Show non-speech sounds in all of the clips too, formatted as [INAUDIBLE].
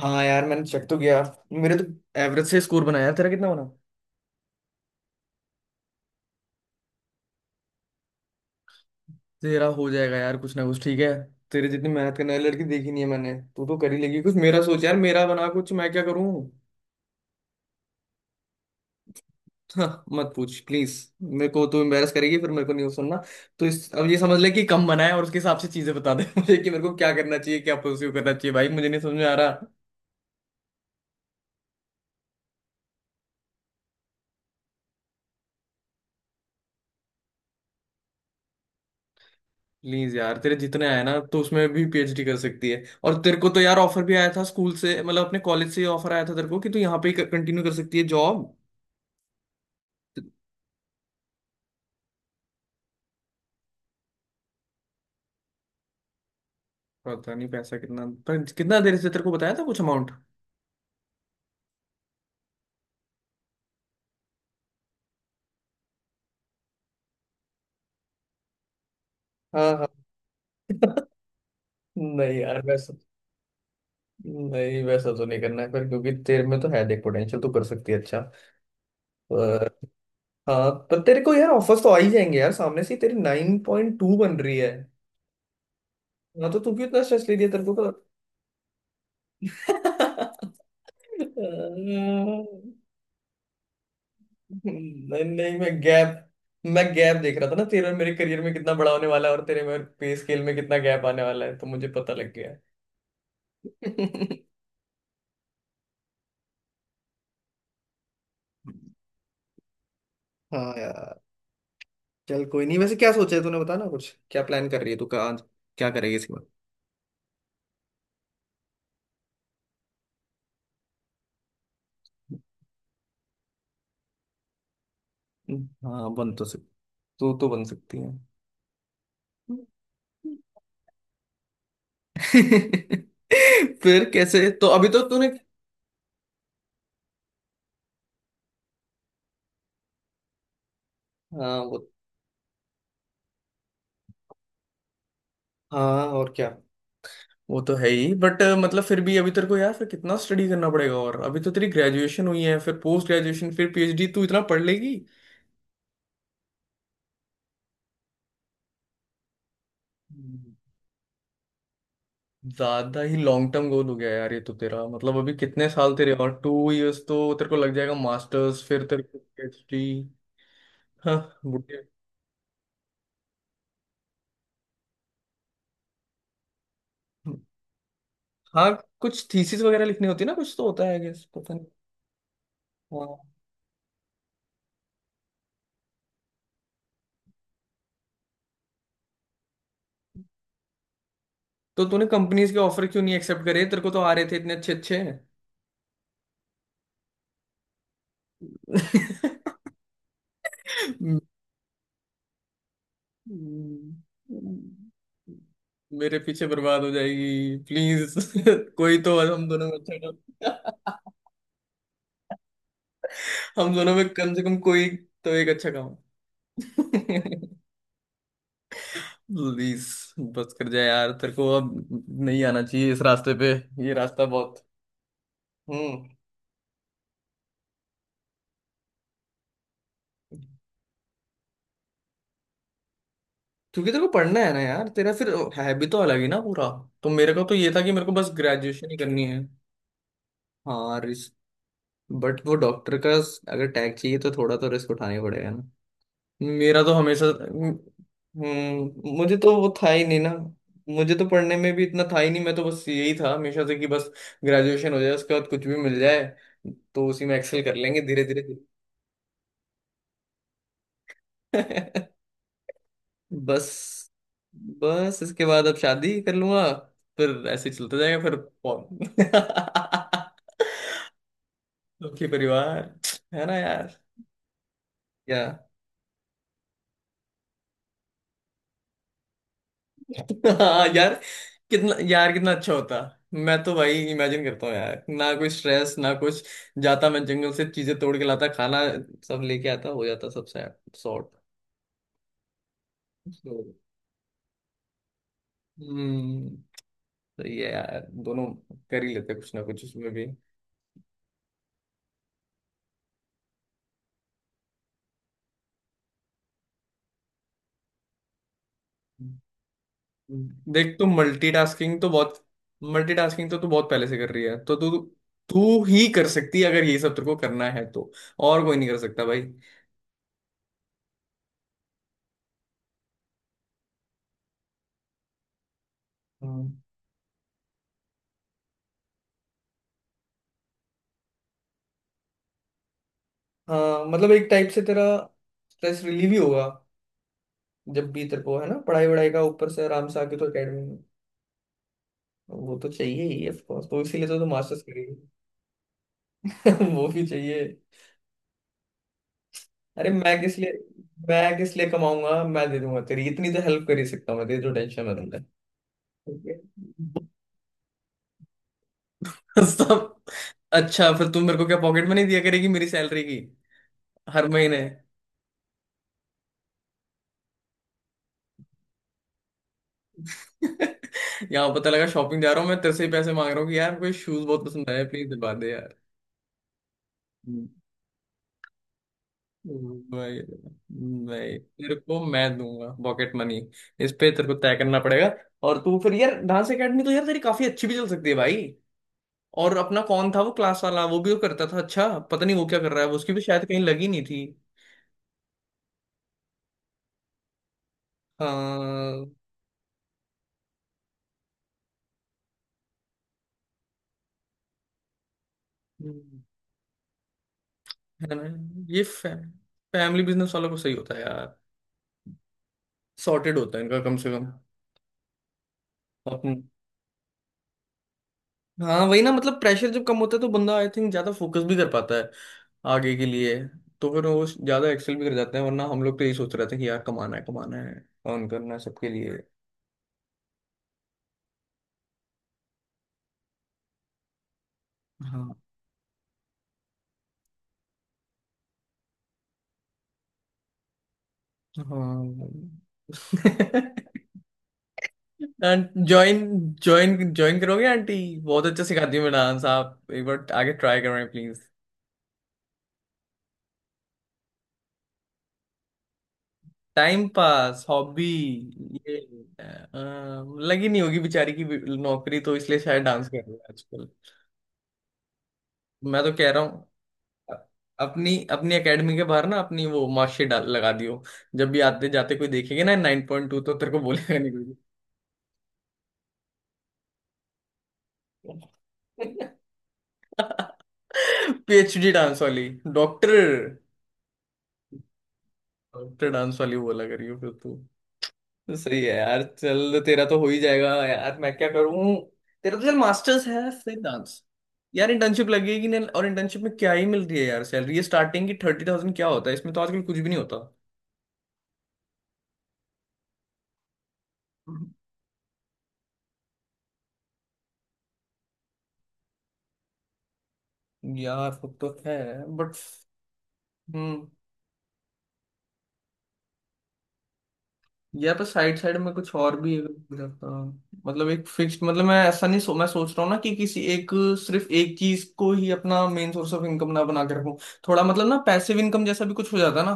हाँ यार, मैंने चेक तो किया। मेरे तो एवरेज से स्कोर बनाया। तेरा कितना बना? तेरा हो जाएगा यार, कुछ ना कुछ ठीक है। तेरे जितनी मेहनत करने वाली लड़की देखी नहीं है मैंने। तू तो कर ही लेगी कुछ। मेरा सोच यार, मेरा बना कुछ? मैं क्या करूँ? हाँ, मत पूछ प्लीज। मेरे को तो एम्बेरस करेगी, फिर मेरे को नहीं सुनना। तो इस अब ये समझ ले कि कम बनाए और उसके हिसाब से चीजें बता दे। [LAUGHS] मुझे कि मेरे को क्या करना चाहिए, क्या प्रोसीव करना चाहिए भाई। मुझे नहीं समझ में आ रहा। प्लीज यार, तेरे जितने आए ना तो उसमें भी पीएचडी कर सकती है। और तेरे को तो यार ऑफर भी आया था स्कूल से, मतलब अपने कॉलेज से ऑफर आया था तेरे को कि तू यहाँ पे ही कंटिन्यू कर सकती है जॉब। पता नहीं पैसा कितना पर कितना, देर से तेरे को बताया था कुछ अमाउंट। हाँ हाँ। नहीं यार वैसा। नहीं, वैसा तो नहीं करना है पर क्योंकि तेरे में तो है देख पोटेंशियल, तू कर सकती है अच्छा। पर हाँ, पर तेरे को यार ऑफर्स तो आ ही जाएंगे यार सामने से ही। तेरी 9.2 बन रही है। हाँ, तो तू क्यों इतना स्ट्रेस ले लिया तेरे को? तो। [LAUGHS] नहीं नहीं, मैं गैप देख रहा था ना तेरे और मेरे करियर में कितना बड़ा होने वाला है, और तेरे में पे स्केल में कितना गैप आने वाला है, तो मुझे पता लग गया। [LAUGHS] हाँ यार। चल कोई नहीं, वैसे क्या सोचा है तूने? बता ना कुछ, क्या प्लान कर रही है तू? कहाँ क्या करेगी इसके बाद? हाँ बन तो सकती। तू तो बन सकती है। [LAUGHS] फिर कैसे, तो अभी तो तूने। हाँ वो। हाँ और क्या। वो तो है ही बट मतलब फिर भी, अभी तेरे को यार फिर कितना स्टडी करना पड़ेगा। और अभी तो तेरी ग्रेजुएशन हुई है, फिर पोस्ट ग्रेजुएशन, फिर पीएचडी, तू इतना पढ़ लेगी? ज्यादा ही लॉन्ग टर्म गोल हो गया यार ये तो तेरा, मतलब अभी कितने साल तेरे और। 2 इयर्स तो तेरे को लग जाएगा मास्टर्स, फिर तेरे को पीएचडी। हाँ बुढ़े। हाँ, कुछ थीसिस वगैरह लिखनी होती है ना, कुछ तो होता है गेस पता नहीं। हाँ तो तूने कंपनीज के ऑफर क्यों नहीं एक्सेप्ट करे? तेरे को तो आ रहे थे इतने अच्छे अच्छे। [LAUGHS] हम्म, मेरे पीछे बर्बाद हो जाएगी प्लीज। [LAUGHS] कोई तो हम दोनों में अच्छा काम। [LAUGHS] हम दोनों में कम से कम कोई तो एक अच्छा काम। [LAUGHS] प्लीज बस कर जाए यार तेरे को। अब नहीं आना चाहिए इस रास्ते पे। ये रास्ता बहुत। हम्म क्योंकि तेरे को पढ़ना है ना यार, तेरा फिर है भी तो अलग ही ना पूरा। तो मेरे को तो ये था कि मेरे को बस ग्रेजुएशन ही करनी है। हाँ रिस्क। बट वो डॉक्टर का अगर टैग चाहिए तो थोड़ा तो रिस्क उठाना ही पड़ेगा। मेरा तो हमेशा मुझे तो वो था ही नहीं ना। मुझे तो पढ़ने में भी इतना था ही नहीं, मैं तो बस यही था हमेशा से कि बस ग्रेजुएशन हो जाए, उसके बाद कुछ भी मिल जाए तो उसी में एक्सेल कर लेंगे धीरे धीरे। [LAUGHS] बस बस, इसके बाद अब शादी कर लूंगा। फिर ऐसे ही चलता जाएगा। फिर कौन? [LAUGHS] दुखी परिवार। है ना यार? क्या? हाँ यार, कितना यार कितना अच्छा होता। मैं तो भाई इमेजिन करता हूँ यार, ना कोई स्ट्रेस ना कुछ। जाता मैं जंगल से चीजें तोड़ के लाता खाना, सब लेके आता, हो जाता सबसे। सॉर्ट तो। हम्म सही है यार दोनों। कर ही लेते कुछ ना कुछ उसमें भी। देख तू मल्टीटास्किंग तो तू बहुत पहले से कर रही है। तो तू तू ही कर सकती है अगर ये सब तेरे को करना है। तो और कोई नहीं कर सकता भाई। हाँ, मतलब एक टाइप से तेरा स्ट्रेस रिलीव ही होगा। जब भी तेरे को है ना पढ़ाई वढ़ाई का, ऊपर से आराम से आके तो एकेडमी में। वो तो चाहिए ही ऑफ कोर्स, तो इसीलिए तो मास्टर्स करेगी। [LAUGHS] वो भी चाहिए। अरे मैं किस लिए कमाऊंगा? मैं दे दूंगा, तेरी इतनी तो हेल्प कर ही सकता हूँ मैं। तेरी जो टेंशन में रहता है। ठीक है। [LAUGHS] सब। अच्छा, फिर तुम मेरे को क्या पॉकेट में नहीं दिया करेगी मेरी सैलरी की हर महीने? [LAUGHS] यहाँ पता लगा, शॉपिंग जा रहा हूँ मैं, तेरे से ही पैसे मांग रहा हूँ कि यार कोई शूज बहुत पसंद आया, प्लीज दिलवा दे यार। भाई, भाई तेरे को मैं दूंगा पॉकेट मनी। इस पे तेरे को तय करना पड़ेगा। और तू फिर यार डांस एकेडमी तो यार तेरी काफी अच्छी भी चल सकती है भाई। और अपना कौन था वो क्लास वाला, वो भी वो करता था अच्छा, पता नहीं वो क्या कर रहा है वो, उसकी भी शायद कहीं लगी नहीं थी। हाँ हम्म, है ना ये फैमिली बिजनेस वालों को सही होता है यार। सॉर्टेड होता है इनका कम से कम अपने। हाँ वही ना, मतलब प्रेशर जब कम होता है तो बंदा आई थिंक ज्यादा फोकस भी कर पाता है आगे के लिए। तो फिर वो ज्यादा एक्सेल भी कर जाते हैं वरना हम लोग तो यही सोच रहे थे कि यार कमाना है कमाना है, अर्न करना है सबके लिए। हाँ हाँ। [LAUGHS] हाँ, ज्वाइन ज्वाइन ज्वाइन करोगे आंटी? बहुत अच्छा सिखाती है मैं डांस, आप एक बार आगे ट्राई करें प्लीज। Time pass hobby. ये अ, लगी नहीं होगी बेचारी की नौकरी, तो इसलिए शायद डांस कर रही है आजकल। मैं तो कह रहा हूँ, अपनी अपनी एकेडमी के बाहर ना अपनी वो मार्कशीट डाल लगा दियो। जब भी आते जाते कोई देखेगा ना 9.2, तो तेरे को बोलेगा नहीं कुछ। [LAUGHS] पीएचडी डांस वाली। डॉक्टर डॉक्टर डांस वाली वो लग रही हो फिर तू। तो सही है यार, चल तेरा तो हो ही जाएगा यार। मैं क्या करूं? तेरा तो चल मास्टर्स है फिर डांस। यार इंटर्नशिप लगेगी ना, और इंटर्नशिप में क्या ही मिलती है यार सैलरी, ये स्टार्टिंग की 30,000 क्या होता है, इसमें तो आजकल कुछ भी नहीं होता। यार वो तो है बट, या पर साइड साइड में कुछ और भी रहता। मतलब एक फिक्स्ड, मतलब मैं ऐसा नहीं, मैं सोच रहा हूँ ना कि किसी एक, सिर्फ एक चीज को ही अपना मेन सोर्स ऑफ इनकम ना बना के रखूं। थोड़ा मतलब ना पैसिव इनकम जैसा भी कुछ हो जाता ना,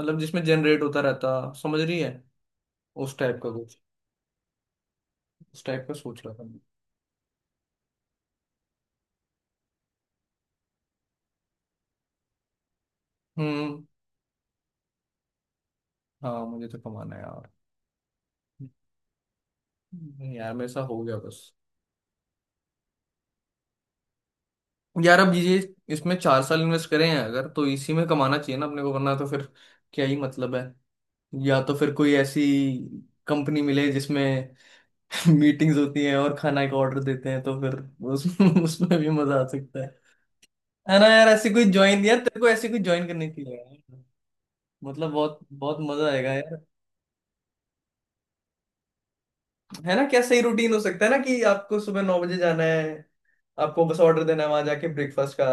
मतलब जिसमें जनरेट होता रहता, समझ रही है? उस टाइप का कुछ, उस टाइप का सोच रहा था मैं। हम्म। हाँ, मुझे तो कमाना है यार। नहीं यार, मेरे साथ हो गया बस। यार अब ये, इसमें 4 साल इन्वेस्ट करें हैं अगर तो इसी में कमाना चाहिए ना अपने को वरना तो फिर क्या ही मतलब है। या तो फिर कोई ऐसी कंपनी मिले जिसमें [LAUGHS] मीटिंग्स होती हैं और खाना का ऑर्डर देते हैं, तो फिर उस [LAUGHS] उसमें भी मजा आ सकता है। है ना यार? ऐसी कोई ज्वाइन यार तेरे को ऐसी कोई ज्वाइन करने की है। मतलब बहुत बहुत मजा आएगा यार। है ना? क्या सही रूटीन हो सकता है ना कि आपको सुबह 9 बजे जाना है, आपको बस ऑर्डर देना है वहां जाके ब्रेकफास्ट का,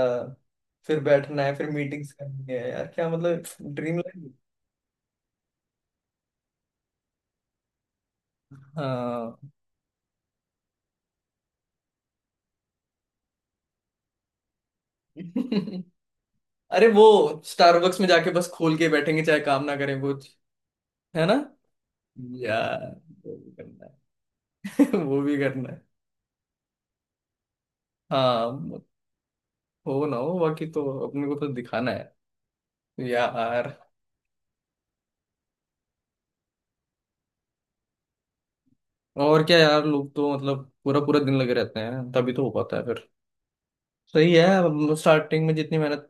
फिर बैठना है, फिर मीटिंग्स करनी है यार क्या मतलब। Dream life. हाँ। [LAUGHS] अरे वो, स्टारबक्स में जाके बस खोल के बैठेंगे चाहे काम ना करें कुछ। है ना यार, वो भी करना है। [LAUGHS] वो भी करना है। हाँ हो ना हो, बाकी तो अपने को तो दिखाना है यार। और क्या यार, लोग तो मतलब पूरा पूरा दिन लगे रहते हैं, तभी तो हो पाता है फिर। सही है, स्टार्टिंग में जितनी मेहनत।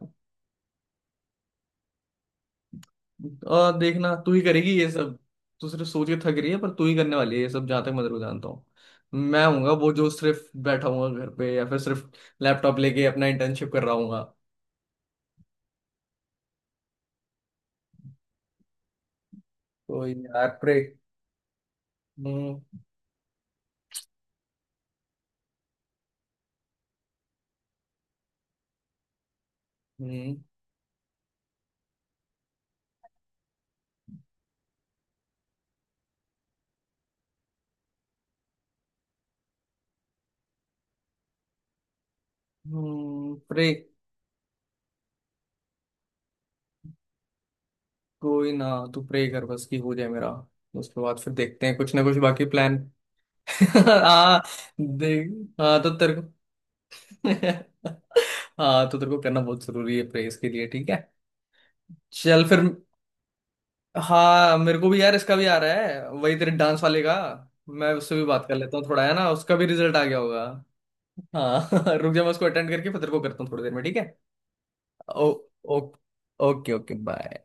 और देखना, तू ही करेगी ये सब। तू सिर्फ सोच के थक रही है पर तू ही करने वाली है ये सब, जहाँ तक मैं तेरे को जानता हूँ। मैं हूँगा वो जो सिर्फ बैठा हूँ घर पे, या फिर सिर्फ लैपटॉप लेके अपना इंटर्नशिप कर रहा हूँ। तो यार प्रे, हम्म प्रे। कोई ना, तू प्रे कर बस कि हो जाए मेरा, उसके बाद फिर देखते हैं कुछ ना कुछ बाकी प्लान। [LAUGHS] हाँ देख। हाँ तो तेरे को। [LAUGHS] हाँ तो तेरे को करना बहुत जरूरी है प्रेस के लिए, ठीक है। चल फिर। हाँ मेरे को भी यार इसका भी आ रहा है, वही तेरे डांस वाले का। मैं उससे भी बात कर लेता हूँ थोड़ा, है ना, उसका भी रिजल्ट आ गया होगा। हाँ। [LAUGHS] रुक जा, मैं उसको अटेंड करके फिर तेरे को करता हूँ थोड़ी देर में ठीक है। ओ। ओ। Okay okay, bye.